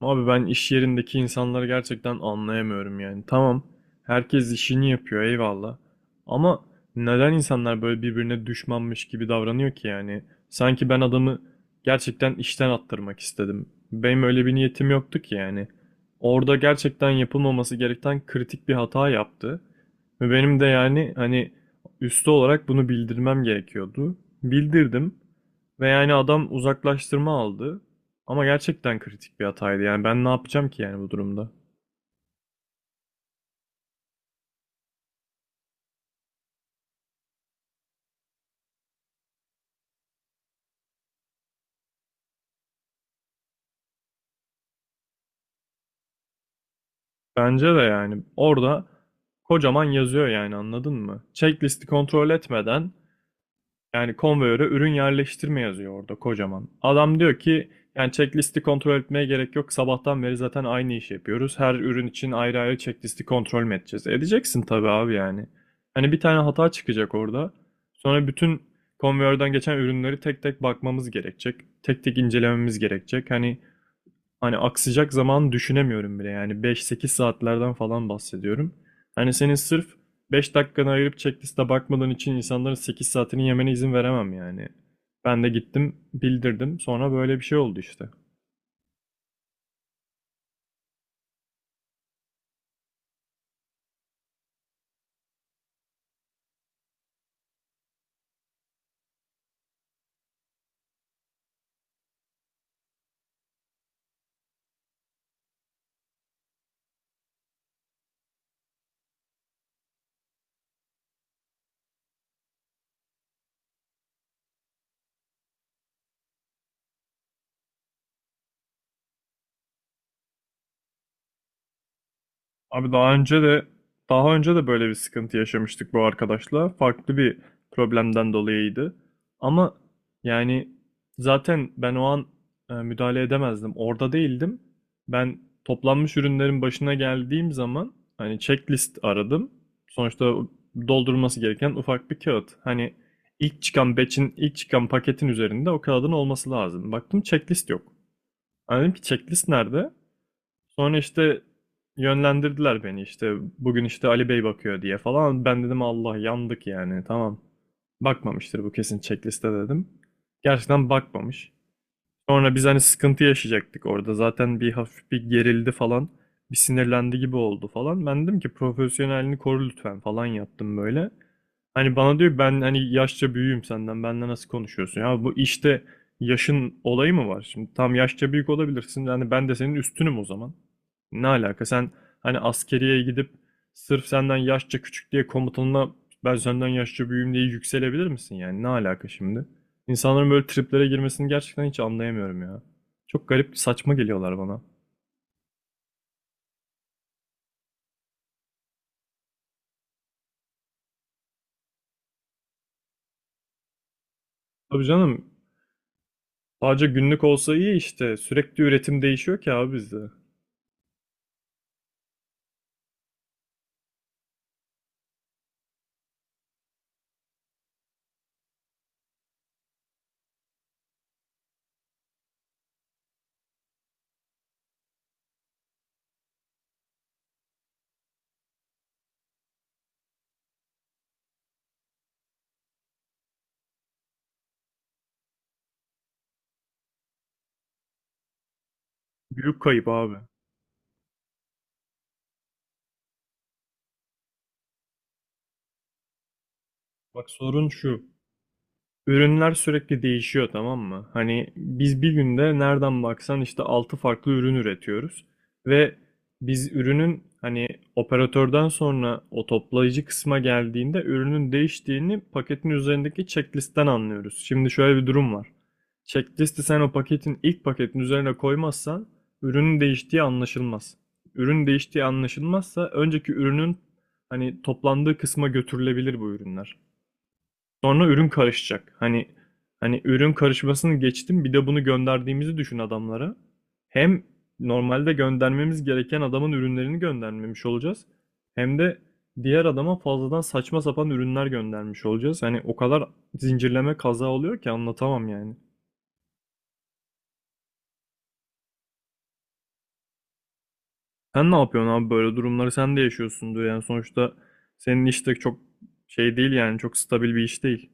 Abi ben iş yerindeki insanları gerçekten anlayamıyorum yani. Tamam, herkes işini yapıyor eyvallah. Ama neden insanlar böyle birbirine düşmanmış gibi davranıyor ki yani? Sanki ben adamı gerçekten işten attırmak istedim. Benim öyle bir niyetim yoktu ki yani. Orada gerçekten yapılmaması gereken kritik bir hata yaptı. Ve benim de yani hani üstü olarak bunu bildirmem gerekiyordu. Bildirdim ve yani adam uzaklaştırma aldı. Ama gerçekten kritik bir hataydı. Yani ben ne yapacağım ki yani bu durumda? Bence de yani orada kocaman yazıyor yani anladın mı? Checklisti kontrol etmeden yani konveyöre ürün yerleştirme yazıyor orada kocaman. Adam diyor ki yani checklisti kontrol etmeye gerek yok. Sabahtan beri zaten aynı işi yapıyoruz. Her ürün için ayrı ayrı checklisti kontrol mü edeceğiz? Edeceksin tabii abi yani. Hani bir tane hata çıkacak orada. Sonra bütün konveyörden geçen ürünleri tek tek bakmamız gerekecek. Tek tek incelememiz gerekecek. Hani aksayacak zaman düşünemiyorum bile. Yani 5-8 saatlerden falan bahsediyorum. Hani senin sırf 5 dakikanı ayırıp checkliste bakmadan için insanların 8 saatini yemene izin veremem yani. Ben de gittim bildirdim. Sonra böyle bir şey oldu işte. Abi daha önce de böyle bir sıkıntı yaşamıştık bu arkadaşla. Farklı bir problemden dolayıydı. Ama yani zaten ben o an müdahale edemezdim. Orada değildim. Ben toplanmış ürünlerin başına geldiğim zaman hani checklist aradım. Sonuçta doldurulması gereken ufak bir kağıt. Hani ilk çıkan paketin üzerinde o kağıdın olması lazım. Baktım checklist yok. Ben dedim ki checklist nerede? Sonra işte yönlendirdiler beni işte bugün işte Ali Bey bakıyor diye falan. Ben dedim Allah yandık yani tamam. Bakmamıştır bu kesin checkliste dedim. Gerçekten bakmamış. Sonra biz hani sıkıntı yaşayacaktık orada. Zaten bir hafif bir gerildi falan. Bir sinirlendi gibi oldu falan. Ben dedim ki profesyonelini koru lütfen falan yaptım böyle. Hani bana diyor ben hani yaşça büyüğüm senden. Benle nasıl konuşuyorsun? Ya bu işte yaşın olayı mı var? Şimdi tam yaşça büyük olabilirsin. Yani ben de senin üstünüm o zaman. Ne alaka? Sen hani askeriye gidip sırf senden yaşça küçük diye komutanına ben senden yaşça büyüğüm diye yükselebilir misin? Yani ne alaka şimdi? İnsanların böyle triplere girmesini gerçekten hiç anlayamıyorum ya. Çok garip, saçma geliyorlar bana. Tabii canım, sadece günlük olsa iyi işte. Sürekli üretim değişiyor ki abi bizde. Büyük kayıp abi. Bak sorun şu. Ürünler sürekli değişiyor tamam mı? Hani biz bir günde nereden baksan işte 6 farklı ürün üretiyoruz ve biz ürünün hani operatörden sonra o toplayıcı kısma geldiğinde ürünün değiştiğini paketin üzerindeki checklistten anlıyoruz. Şimdi şöyle bir durum var. Checklisti sen o paketin ilk paketin üzerine koymazsan ürünün değiştiği anlaşılmaz. Ürün değiştiği anlaşılmazsa önceki ürünün hani toplandığı kısma götürülebilir bu ürünler. Sonra ürün karışacak. Hani ürün karışmasını geçtim. Bir de bunu gönderdiğimizi düşün adamlara. Hem normalde göndermemiz gereken adamın ürünlerini göndermemiş olacağız. Hem de diğer adama fazladan saçma sapan ürünler göndermiş olacağız. Hani o kadar zincirleme kaza oluyor ki anlatamam yani. Sen ne yapıyorsun abi böyle durumları sen de yaşıyorsundur yani sonuçta senin iş de çok şey değil yani çok stabil bir iş değil.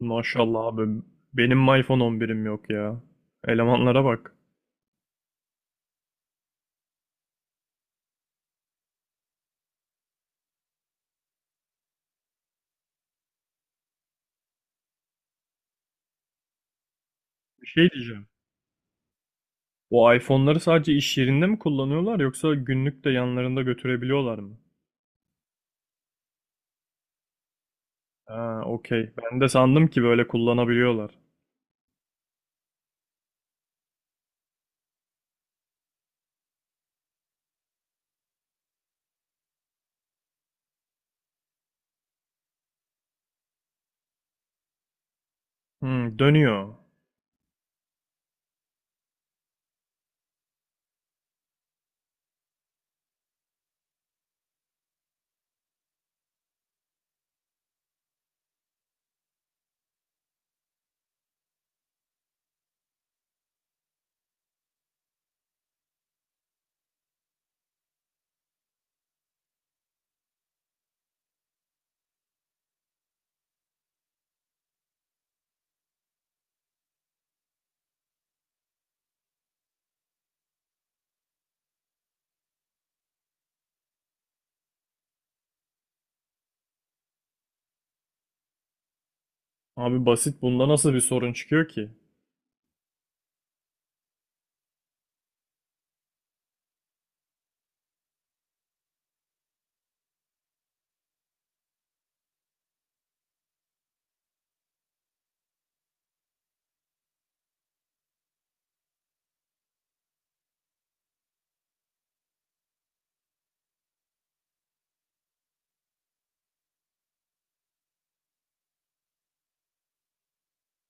Maşallah abi benim iPhone 11'im yok ya. Elemanlara bak. Bir şey diyeceğim. Bu iPhone'ları sadece iş yerinde mi kullanıyorlar yoksa günlük de yanlarında götürebiliyorlar mı? Ha, okey. Ben de sandım ki böyle kullanabiliyorlar. Hmm, dönüyor. Abi basit bunda nasıl bir sorun çıkıyor ki?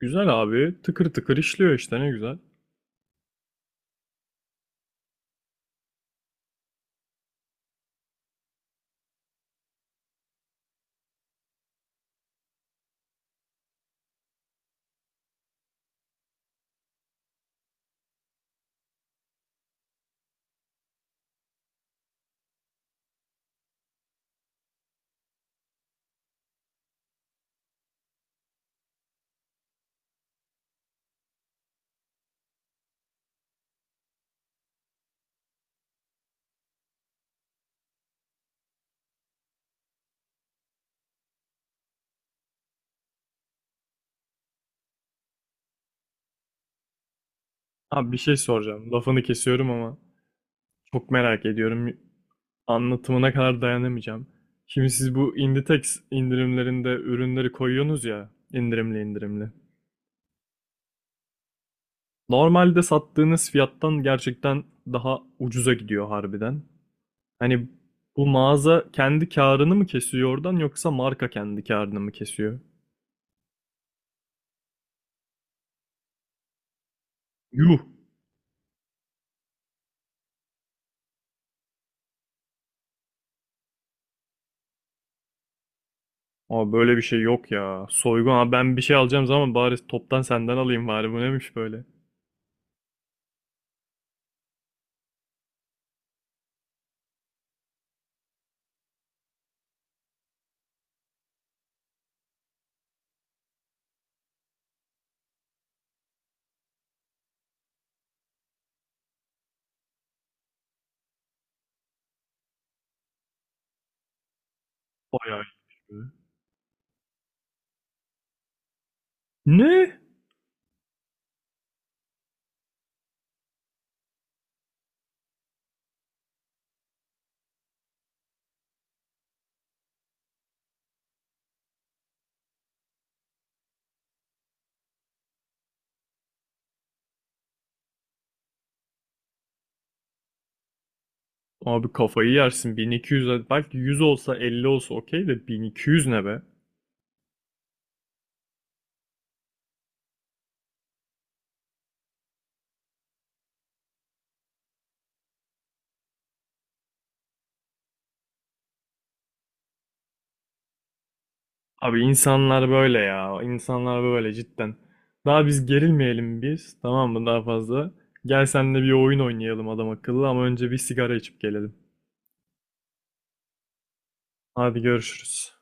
Güzel abi. Tıkır tıkır işliyor işte ne güzel. Abi bir şey soracağım. Lafını kesiyorum ama çok merak ediyorum. Anlatımına kadar dayanamayacağım. Şimdi siz bu Inditex indirimlerinde ürünleri koyuyorsunuz ya indirimli indirimli. Normalde sattığınız fiyattan gerçekten daha ucuza gidiyor harbiden. Hani bu mağaza kendi karını mı kesiyor oradan yoksa marka kendi karını mı kesiyor? Yuh! Aa böyle bir şey yok ya. Soygun. Aa ben bir şey alacağım zaman bari toptan senden alayım bari. Bu neymiş böyle? Bayağı iyiymiş be. Ne? Abi kafayı yersin. 1.200 belki 100 olsa 50 olsa okey de 1.200 ne be? Abi insanlar böyle ya. İnsanlar böyle cidden. Daha biz gerilmeyelim biz. Tamam mı daha fazla? Gel seninle bir oyun oynayalım adam akıllı ama önce bir sigara içip gelelim. Hadi görüşürüz.